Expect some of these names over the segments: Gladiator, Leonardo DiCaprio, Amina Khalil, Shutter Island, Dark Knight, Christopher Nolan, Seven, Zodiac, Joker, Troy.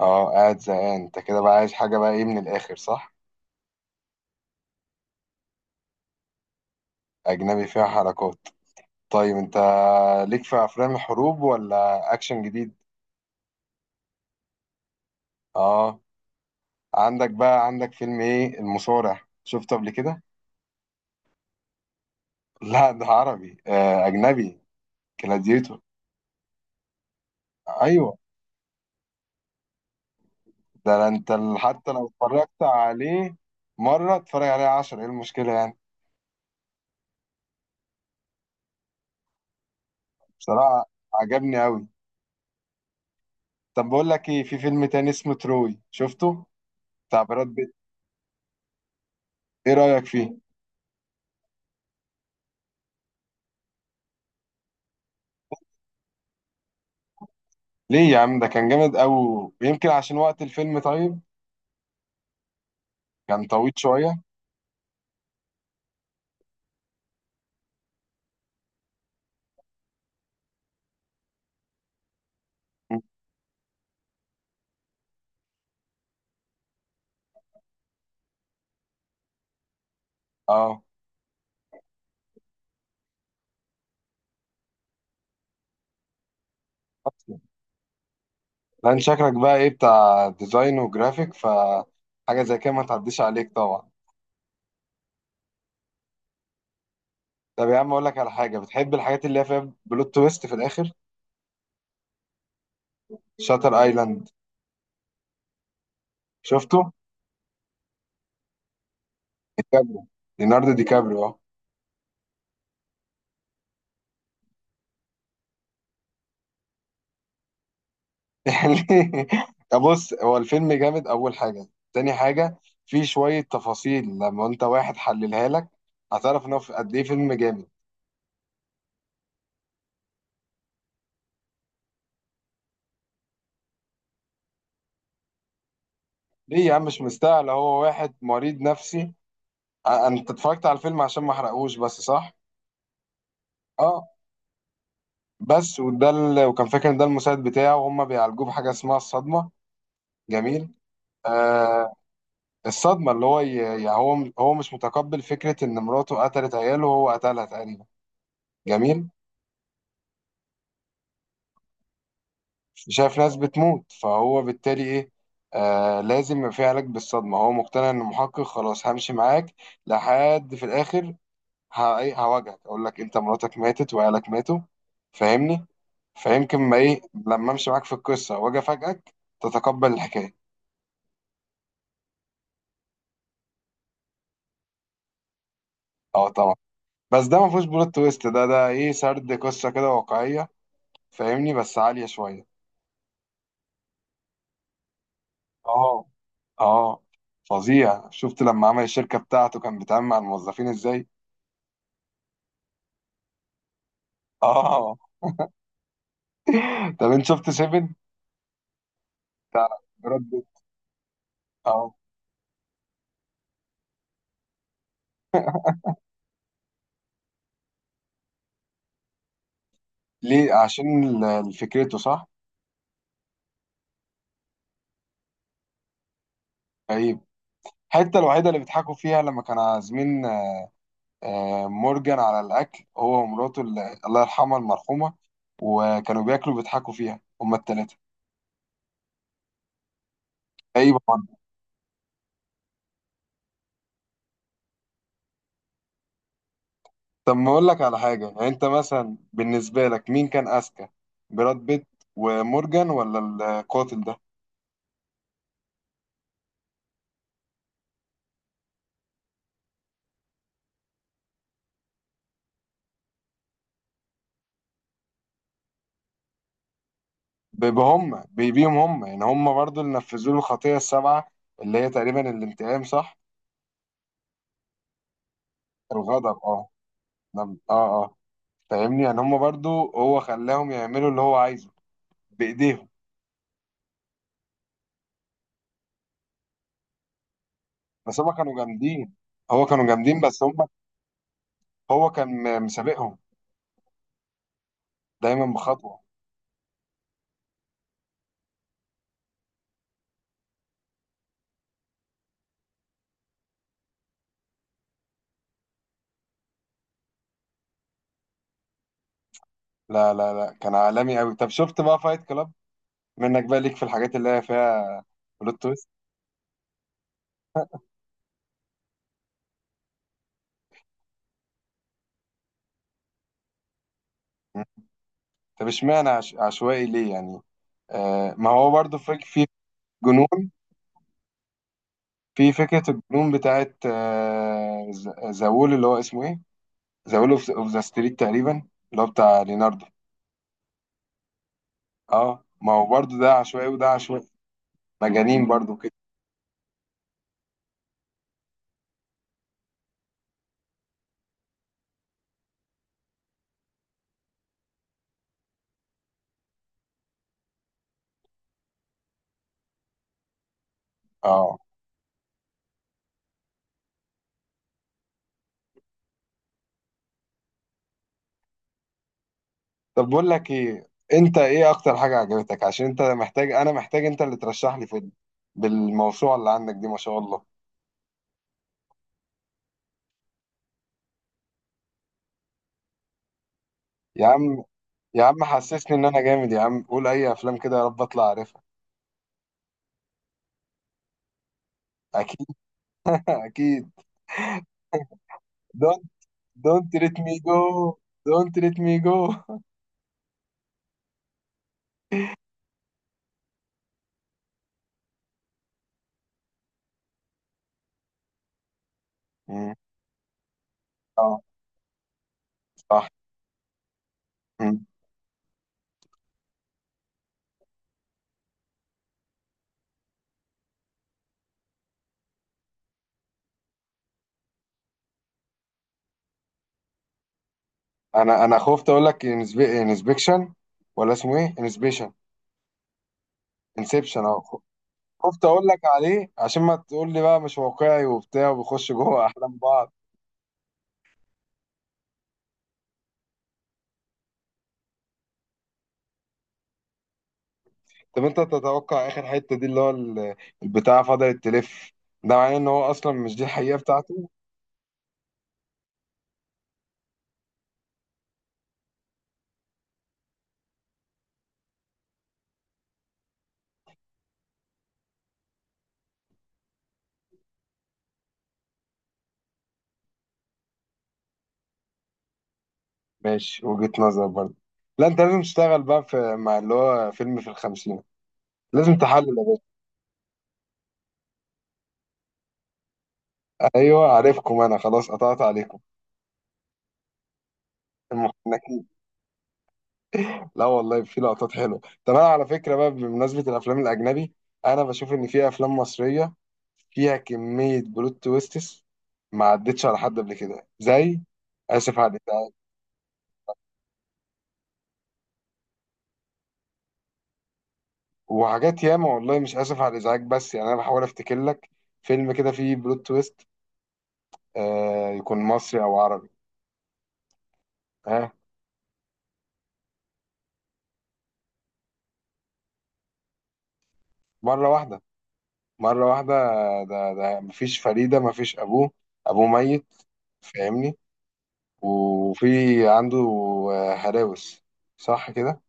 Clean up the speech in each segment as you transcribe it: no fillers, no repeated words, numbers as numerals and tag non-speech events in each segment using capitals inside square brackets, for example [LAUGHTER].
اه قاعد زهقان انت كده بقى عايز حاجة بقى ايه من الآخر صح؟ أجنبي فيها حركات طيب انت ليك في أفلام الحروب ولا أكشن جديد؟ اه، عندك فيلم ايه، المصارع شفته قبل كده؟ [LAUGHS] لا، ده عربي، أجنبي. كلاديتور. أيوه. ده انت حتى لو اتفرجت عليه مرة اتفرج عليه 10، ايه المشكلة يعني؟ بصراحة عجبني أوي. طب بقول لك ايه، في فيلم تاني اسمه تروي شفته؟ بتاع براد بيت. ايه رأيك فيه؟ ليه يا عم، ده كان جامد قوي، يمكن عشان وقت الفيلم طيب كان طويل شوية. م. اه. أصلاً. لان شكلك بقى ايه، بتاع ديزاين وجرافيك، فحاجة زي كده ما تعديش عليك طبعا. طب يا عم اقول لك على حاجة، بتحب الحاجات اللي هي فيها بلوت تويست في الاخر؟ شاتر ايلاند، شفته؟ ديكابريو. ليوناردو دي كابريو اه. [LAUGHS] يعني، بص هو الفيلم جامد، اول حاجة تاني حاجة فيه شوية تفاصيل، لما انت واحد حللها لك هتعرف ان هو قد ايه فيلم جامد. ليه يا عم مش مستاهل، هو واحد مريض نفسي. انت اتفرجت على الفيلم عشان ما احرقهوش بس صح؟ اه، بس وده وكان فاكر ان ده المساعد بتاعه وهم بيعالجوه بحاجه اسمها الصدمه. جميل. آه، الصدمه اللي هو يعني، هو مش متقبل فكره ان مراته قتلت عياله وهو قتلها تقريبا. جميل. شايف ناس بتموت فهو بالتالي ايه، آه لازم يبقى في علاج بالصدمه، هو مقتنع انه محقق خلاص همشي معاك لحد في الاخر. ه- إيه، هواجهك اقول لك انت مراتك ماتت وعيالك ماتوا، فاهمني، فيمكن ما ايه لما امشي معاك في القصه واجي افاجئك تتقبل الحكايه. اه طبعا. بس ده ما فيهوش بلوت تويست، ده ايه، سرد قصه كده واقعيه، فاهمني، بس عاليه شويه. اه. اه، فظيع. شفت لما عمل الشركه بتاعته كان بيتعامل مع الموظفين ازاي. اه. طب انت شفت سيفن؟ بتاع براد بيت. اه. ليه؟ عشان فكرته صح. غريب. الحته الوحيده اللي بيضحكوا فيها لما كان عازمين مورجان على الأكل، هو ومراته اللي الله يرحمها المرحومة، وكانوا بياكلوا بيضحكوا فيها هما التلاتة أي بعض. طب ما أقول لك على حاجة، يعني أنت مثلا بالنسبة لك مين كان أذكى، براد بيت ومورجان ولا القاتل ده؟ بيبقى هما بيبيهم هما، يعني هما برضو اللي نفذوا له الخطية السبعة، اللي هي تقريبا الانتقام صح. الغضب اه. نعم. اه، اه. فاهمني، يعني هما برضو هو خلاهم يعملوا اللي هو عايزه بإيديهم. بس هما كانوا جامدين، هو كانوا جامدين بس هم، هو كان مسابقهم دايما بخطوه. لا، لا، لا، كان عالمي قوي. طب شفت بقى فايت كلاب؟ منك بقى ليك في الحاجات اللي هي فيها بلوت تويست. م. طب اشمعنى عشوائي ليه يعني؟ آه، ما هو برضو فك في جنون، في فكره الجنون بتاعت زاول، اللي هو اسمه ايه، زاول اوف ذا ستريت تقريبا، اللي هو بتاع ليناردو. اه، ما هو برضو ده عشوائي وده عشوائي، مجانين برضو كده. اه. طب بقول لك ايه، انت ايه اكتر حاجه عجبتك، عشان انت محتاج، انا محتاج انت اللي ترشح لي فيلم بالموسوعه اللي عندك دي ما شاء الله. يا عم، يا عم حسسني ان انا جامد يا عم، قول اي افلام كده يا رب اطلع عارفها. اكيد. [LAUGHS] اكيد. دونت دونت ليت مي جو. دونت ليت مي جو. اه، صح. مم. انا خفت اقول لك انسبكشن، ولا اسمه ايه، انسبيشن. انسبشن خفت اقول لك عليه عشان ما تقول لي بقى مش واقعي وبتاع وبيخش جوه احلام بعض. طب انت تتوقع اخر حته دي اللي هو البتاعه فضلت تلف، ده معناه ان هو اصلا مش دي الحقيقه بتاعته؟ ماشي، وجهه نظر برضه. لا، انت لازم تشتغل بقى مع اللي هو فيلم في الخمسين، لازم تحلل. ايوه عارفكم، انا خلاص قطعت عليكم. [LAUGHS] المخنك. لا والله، في لقطات حلوه. طب انا على فكره بقى بمناسبه الافلام الاجنبي، انا بشوف ان في افلام مصريه فيها كميه بلوت تويستس ما عدتش على حد قبل كده، زي اسف على الإزعاج. وحاجات ياما، والله مش اسف على الازعاج، بس يعني انا بحاول افتكر لك فيلم كده فيه بلوت تويست، يكون مصري او عربي، ها. مره واحده. مره واحده. ده مفيش فريده، مفيش ابوه، ابوه ميت، فاهمني. وفي عنده هلاوس، صح كده.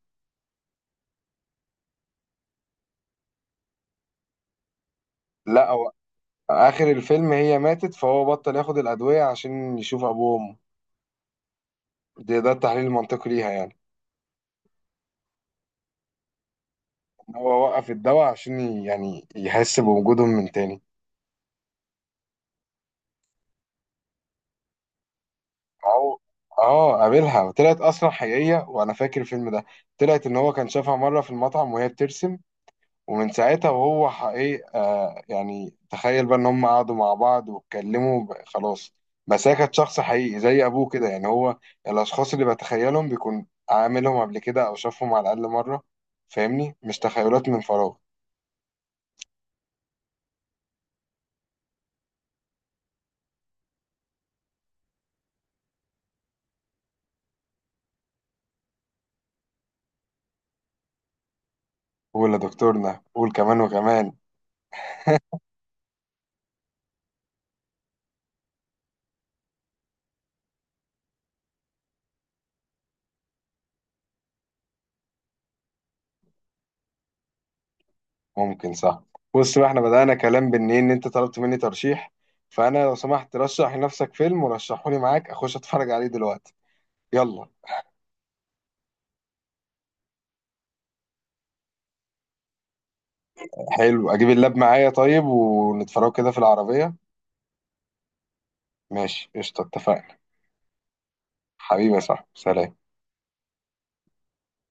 لا، هو اخر الفيلم هي ماتت، فهو بطل ياخد الادويه عشان يشوف ابوه وامه، ده التحليل المنطقي ليها يعني، إن هو وقف الدواء عشان يعني يحس بوجودهم من تاني. أو. اه، قابلها وطلعت اصلا حقيقيه. وانا فاكر الفيلم ده، طلعت ان هو كان شافها مره في المطعم وهي بترسم، ومن ساعتها وهو حقيقي، يعني تخيل بقى ان هم قعدوا مع بعض واتكلموا خلاص. بس هي كانت شخص حقيقي زي ابوه كده، يعني هو الاشخاص اللي بتخيلهم بيكون عاملهم قبل كده او شافهم على الاقل مره، فاهمني، مش تخيلات من فراغ. قول يا دكتورنا، قول كمان وكمان. ممكن صح. بص بقى، احنا بدأنا كلام بان ايه، ان انت طلبت مني ترشيح، فانا لو سمحت رشح لنفسك فيلم ورشحولي معاك اخش اتفرج عليه دلوقتي. يلا. حلو، اجيب اللاب معايا طيب ونتفرجوا كده في العربية. ماشي قشطة، اتفقنا. حبيبي يا صاحبي، سلام.